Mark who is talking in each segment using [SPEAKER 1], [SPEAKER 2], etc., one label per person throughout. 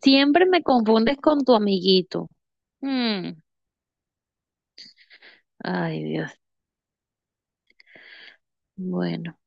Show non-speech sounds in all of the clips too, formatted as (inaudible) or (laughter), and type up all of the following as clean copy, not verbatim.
[SPEAKER 1] Siempre me confundes con tu amiguito. Mm. Ay, Dios. Bueno,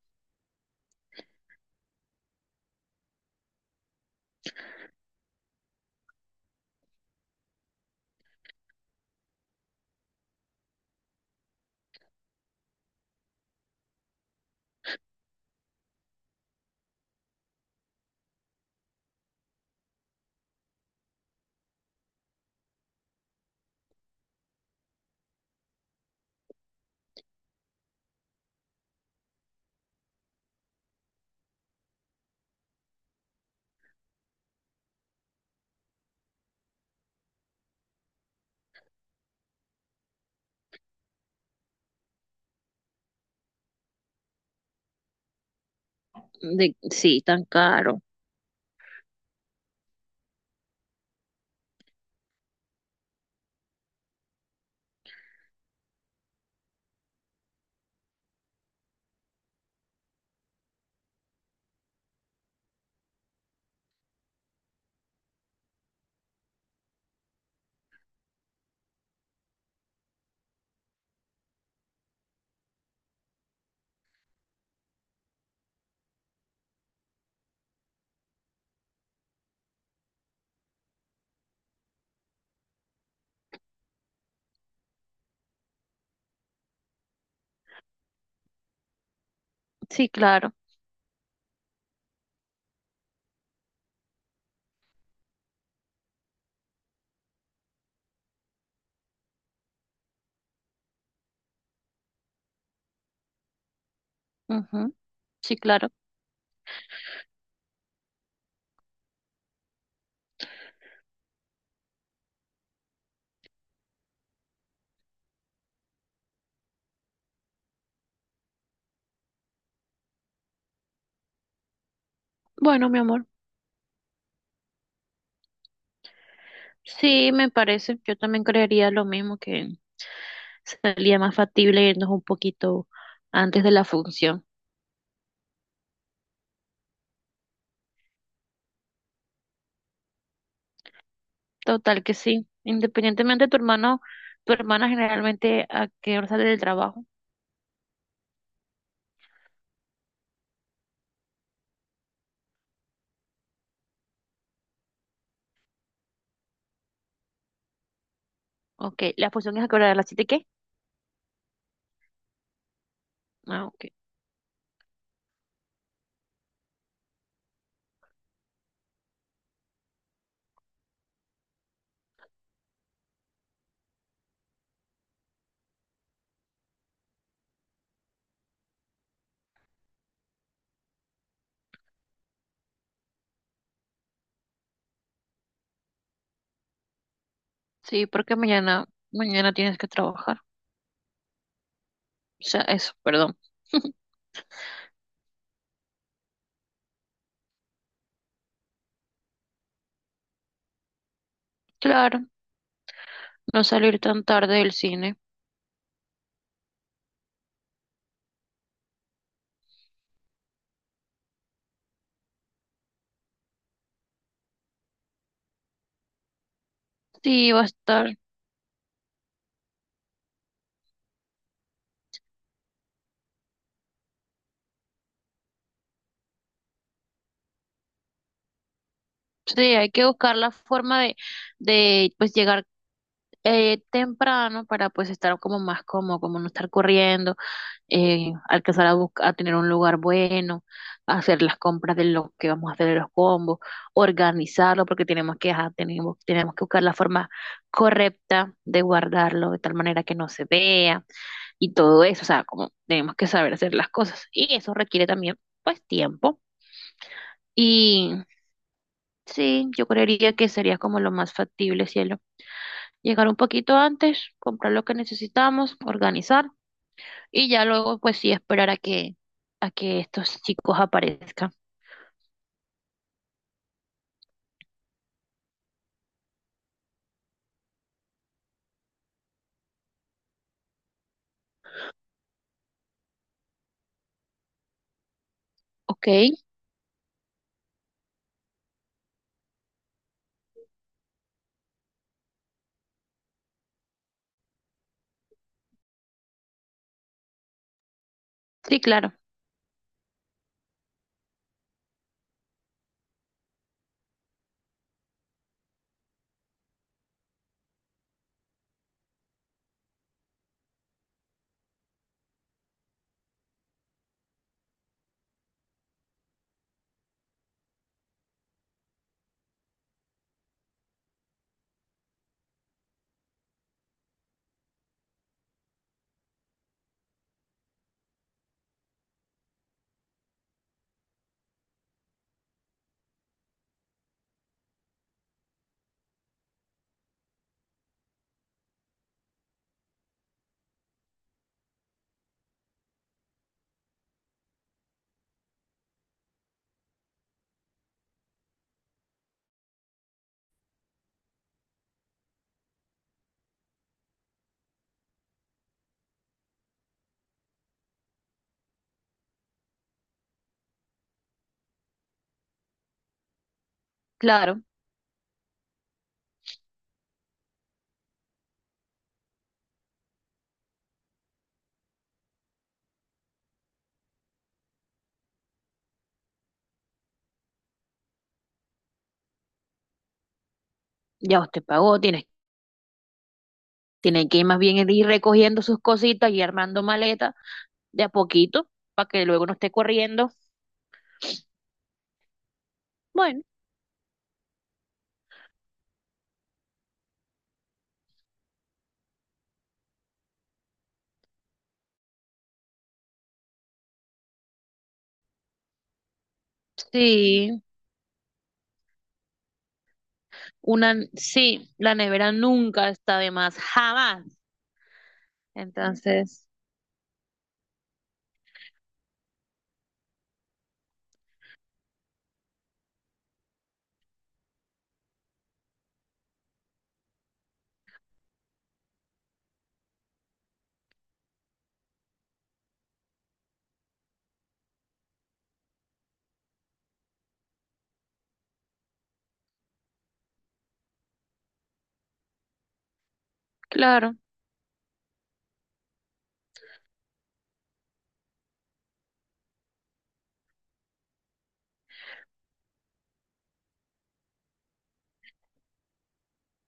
[SPEAKER 1] sí, tan caro. Sí, claro. Ujú. Sí, claro. Bueno, mi amor. Sí, me parece. Yo también creería lo mismo, que sería más factible irnos un poquito antes de la función. Total que sí. Independientemente de tu hermano, tu hermana generalmente ¿a qué hora sale del trabajo? Ok, la función ¿es a qué hora, de las siete, qué? Ah, ok. Sí, porque mañana, mañana tienes que trabajar. O sea, eso, perdón. (laughs) Claro, no salir tan tarde del cine. Sí, va a estar. Sí, hay que buscar la forma de pues llegar temprano, para pues estar como más cómodo, como no estar corriendo, alcanzar a buscar, a tener un lugar bueno, hacer las compras de lo que vamos a hacer de los combos, organizarlo, porque tenemos que ajá, tenemos que buscar la forma correcta de guardarlo de tal manera que no se vea. Y todo eso, o sea, como tenemos que saber hacer las cosas. Y eso requiere también, pues, tiempo. Y sí, yo creería que sería como lo más factible, cielo. Llegar un poquito antes, comprar lo que necesitamos, organizar y ya luego, pues sí, esperar a que estos chicos aparezcan. ¿Ok? Sí, claro, claro. Ya usted pagó, tiene, tiene que ir más bien ir recogiendo sus cositas y armando maleta de a poquito, para que luego no esté corriendo. Bueno, sí. Una, sí, la nevera nunca está de más, jamás. Entonces, claro,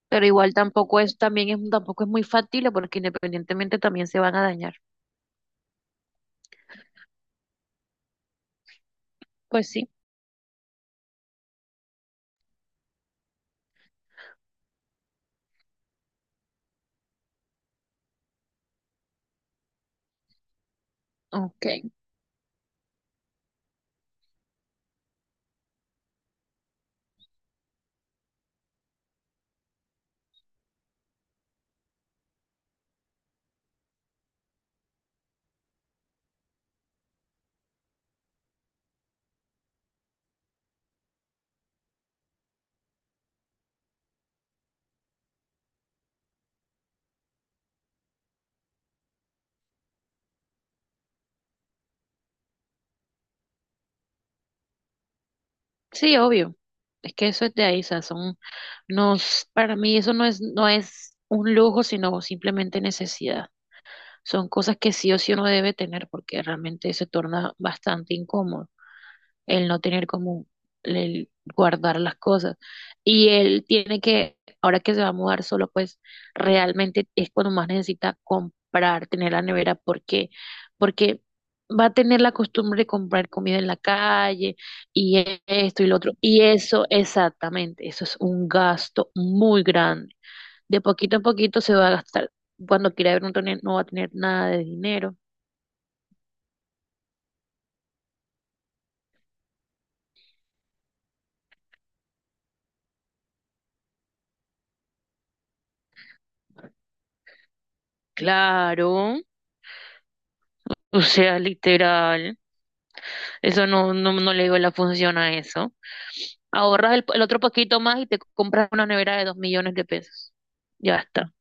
[SPEAKER 1] pero igual tampoco es, también es, tampoco es muy factible, porque independientemente también se van a dañar. Pues sí, ok. Sí, obvio. Es que eso es de ahí, o sea, son, nos, para mí eso no es, no es un lujo, sino simplemente necesidad. Son cosas que sí o sí uno debe tener, porque realmente se torna bastante incómodo. El no tener como el guardar las cosas. Y él tiene que, ahora que se va a mudar solo, pues realmente es cuando más necesita comprar, tener la nevera. ¿Por qué? Porque va a tener la costumbre de comprar comida en la calle esto y lo otro. Y eso, exactamente, eso es un gasto muy grande. De poquito en poquito se va a gastar. Cuando quiera ver un tonel no va a tener nada de dinero. Claro. O sea, literal. Eso no, no, no le digo la función a eso. Ahorras el otro poquito más y te compras una nevera de $2.000.000. Ya está.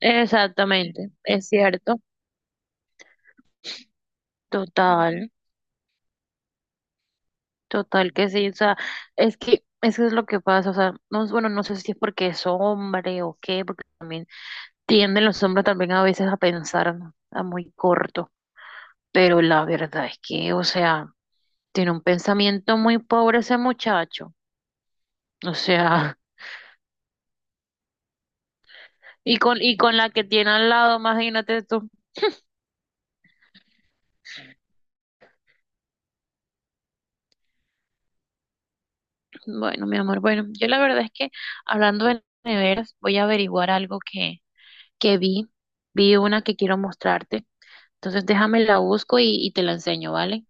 [SPEAKER 1] Exactamente. Es cierto. Total. Total que sí, o sea, es que eso es lo que pasa, o sea, no, bueno, no sé si es porque es hombre o qué, porque también tienden los hombres también a veces a pensar a muy corto, pero la verdad es que, o sea, tiene un pensamiento muy pobre ese muchacho, o sea, (laughs) y con la que tiene al lado, imagínate tú, bueno, mi amor, bueno, yo la verdad es que, hablando de neveras, voy a averiguar algo que vi, vi una que quiero mostrarte. Entonces déjame, la busco y te la enseño, ¿vale?